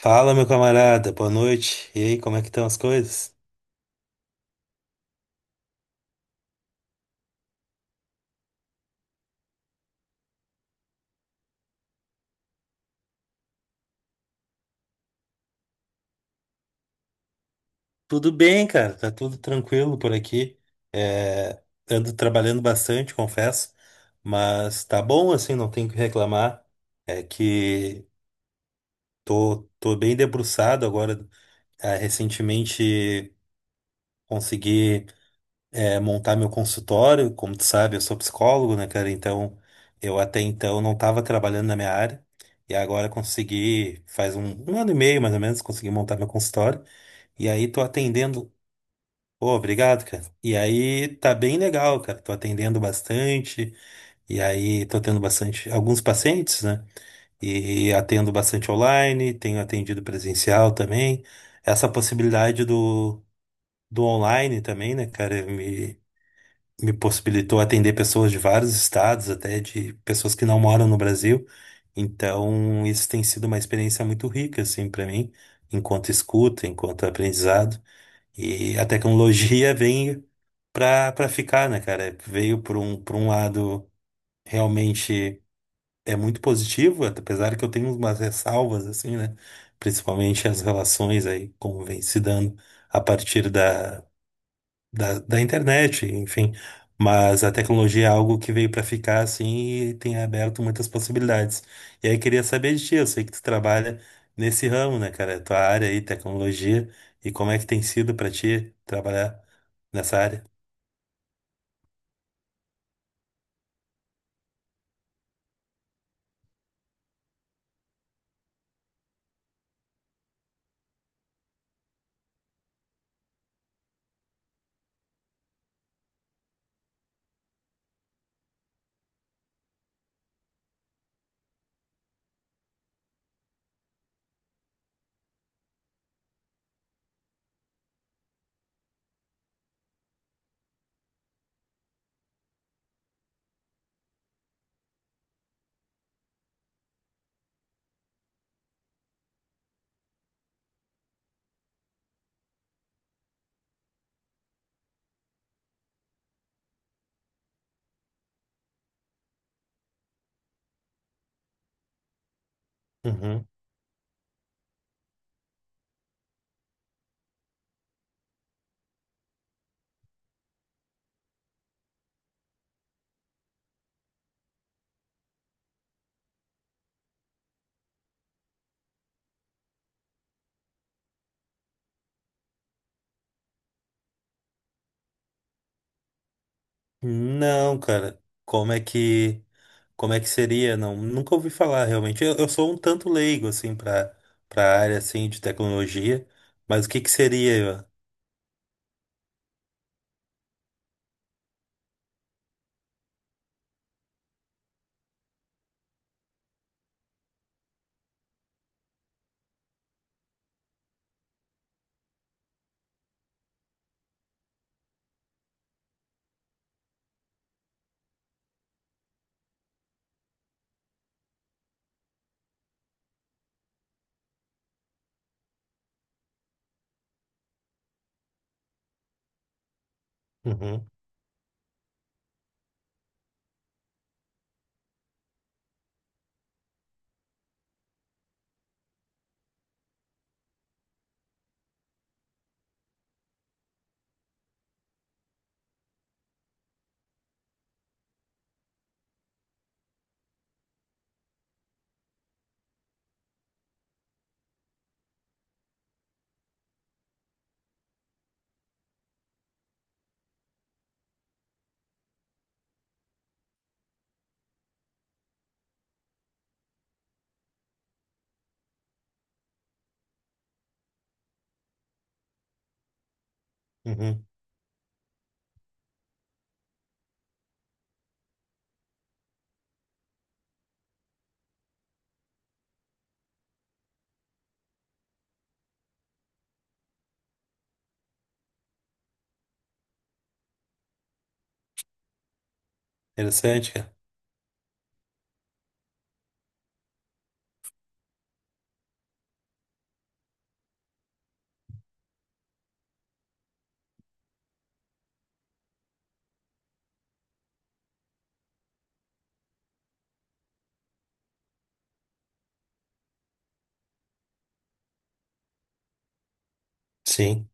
Fala, meu camarada, boa noite. E aí, como é que estão as coisas? Tudo bem, cara, tá tudo tranquilo por aqui. É, ando trabalhando bastante, confesso, mas tá bom assim, não tenho o que reclamar. É que tô bem debruçado agora. Ah, recentemente consegui. É, montar meu consultório. Como tu sabe, eu sou psicólogo, né, cara? Então, eu até então não estava trabalhando na minha área. E agora consegui, faz um ano e meio mais ou menos, consegui montar meu consultório. E aí tô atendendo. Pô, obrigado, cara. E aí tá bem legal, cara. Tô atendendo bastante. E aí tô tendo bastante, alguns pacientes, né? E atendo bastante online, tenho atendido presencial também. Essa possibilidade do online também, né, cara, me possibilitou atender pessoas de vários estados, até de pessoas que não moram no Brasil. Então, isso tem sido uma experiência muito rica, assim, para mim, enquanto escuta, enquanto aprendizado. E a tecnologia vem para ficar, né, cara? Veio por por um lado realmente é muito positivo, apesar que eu tenho umas ressalvas, assim, né? Principalmente as relações aí, como vem se dando a partir da da internet, enfim. Mas a tecnologia é algo que veio para ficar assim e tem aberto muitas possibilidades. E aí queria saber de ti, eu sei que tu trabalha nesse ramo, né, cara? Tua área aí, tecnologia, e como é que tem sido para ti trabalhar nessa área? Uhum. Não, cara. Como é que seria? Não, nunca ouvi falar realmente. Eu sou um tanto leigo assim para para área assim de tecnologia, mas o que que seria? Uhum, uhum. Interessante, cara. Sim.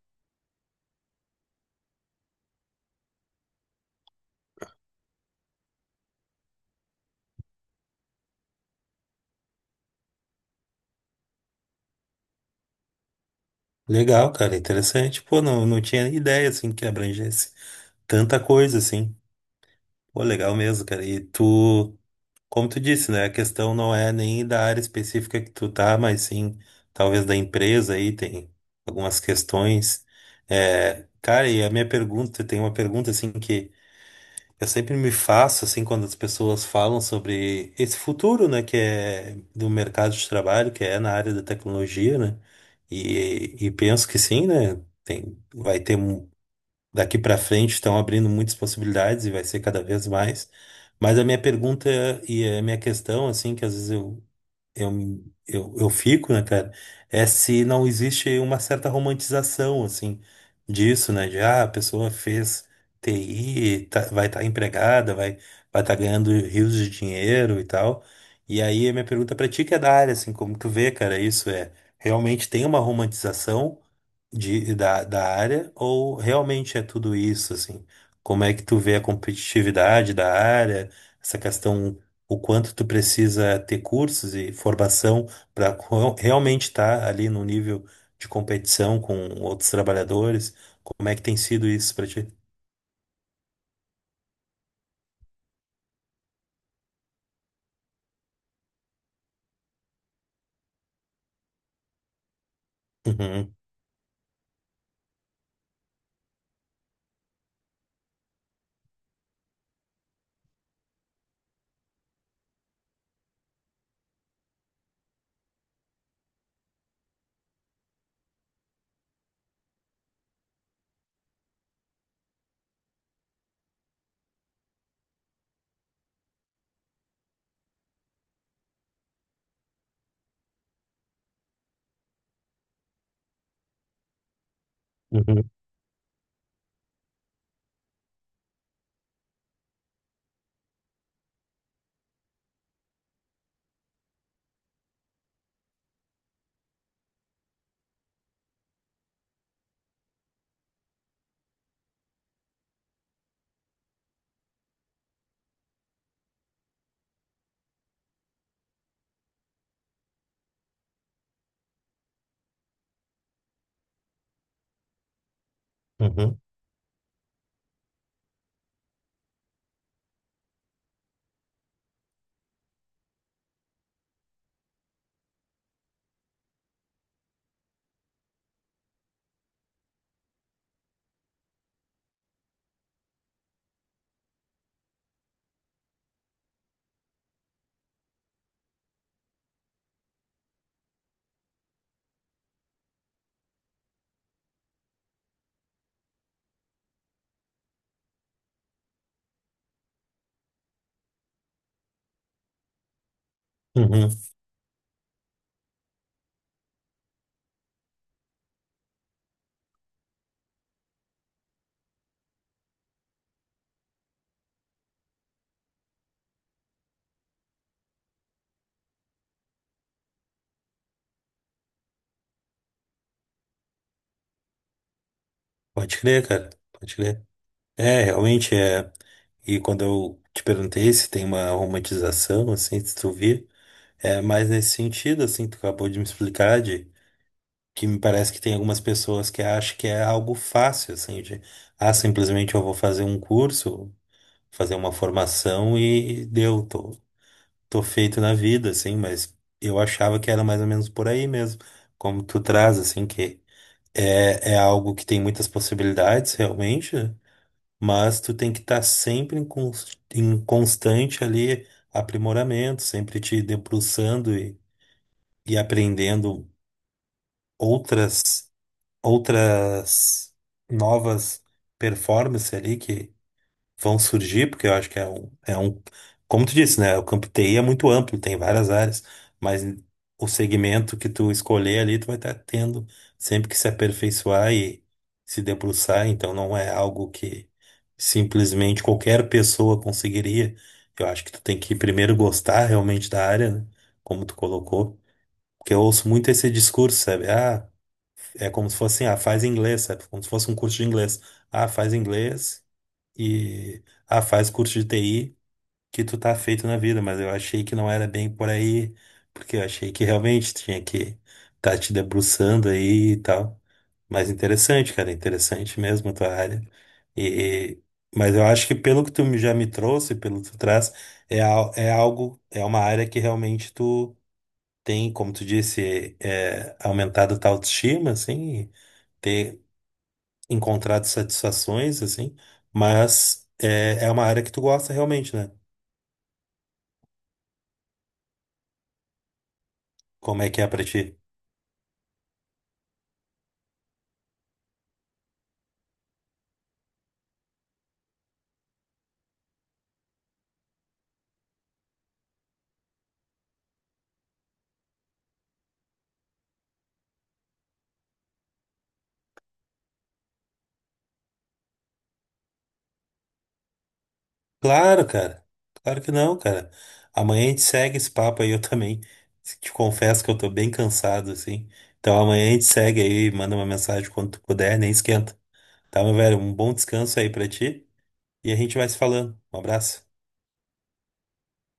Legal, cara, interessante. Pô, não, não tinha ideia, assim, que abrangesse tanta coisa, assim. Pô, legal mesmo, cara. E tu, como tu disse, né, a questão não é nem da área específica que tu tá, mas sim, talvez da empresa aí, tem algumas questões. É, cara, e a minha pergunta, tem uma pergunta, assim, que eu sempre me faço, assim, quando as pessoas falam sobre esse futuro, né, que é do mercado de trabalho, que é na área da tecnologia, né, e penso que sim, né, tem, vai ter, um- daqui para frente estão abrindo muitas possibilidades e vai ser cada vez mais, mas a minha pergunta e a minha questão, assim, que às vezes eu, eu fico, né, cara? É se não existe uma certa romantização, assim, disso, né? De, ah, a pessoa fez TI, tá- vai estar empregada, vai estar ganhando rios de dinheiro e tal. E aí, a minha pergunta pra ti, que é da área, assim, como tu vê, cara, isso é, realmente tem uma romantização de, da área ou realmente é tudo isso, assim? Como é que tu vê a competitividade da área, essa questão o quanto tu precisa ter cursos e formação para realmente estar ali no nível de competição com outros trabalhadores. Como é que tem sido isso para ti? Uhum, uhum, uhum, uhum. Pode crer, cara. Pode crer. É, realmente é. E quando eu te perguntei se tem uma romantização, assim, se tu vê, é mais nesse sentido, assim, tu acabou de me explicar, de que me parece que tem algumas pessoas que acham que é algo fácil, assim, de, ah, simplesmente eu vou fazer um curso, fazer uma formação e deu, tô feito na vida, assim, mas eu achava que era mais ou menos por aí mesmo, como tu traz, assim, que é, é algo que tem muitas possibilidades realmente, mas tu tem que estar sempre em, cons- em constante ali aprimoramento, sempre te debruçando e aprendendo outras, outras novas performances ali vão surgir, porque eu acho que é um, como tu disse, né? O campo TI é muito amplo, tem várias áreas, mas o segmento que tu escolher ali, tu vai estar tendo sempre que se aperfeiçoar e se debruçar, então não é algo que simplesmente qualquer pessoa conseguiria. Eu acho que tu tem que primeiro gostar realmente da área, né? Como tu colocou. Porque eu ouço muito esse discurso, sabe? Ah, é como se fosse assim, ah, faz inglês, sabe? Como se fosse um curso de inglês. Ah, faz inglês e ah, faz curso de TI que tu tá feito na vida, mas eu achei que não era bem por aí, porque eu achei que realmente tinha que tá te debruçando aí e tal. Mas interessante, cara, interessante mesmo a tua área. E, mas eu acho que pelo que tu me- já me trouxe, pelo que tu traz, é, al- é algo, é uma área que realmente tu tem, como tu disse, é, é aumentado a tua autoestima, assim, ter encontrado satisfações, assim, mas é, é uma área que tu gosta realmente, né? Como é que é pra ti? Claro, cara. Claro que não, cara. Amanhã a gente segue esse papo aí, eu também. Te confesso que eu tô bem cansado, assim. Então amanhã a gente segue aí, manda uma mensagem quando tu puder, nem esquenta. Tá, meu velho? Um bom descanso aí pra ti e a gente vai se falando. Um abraço.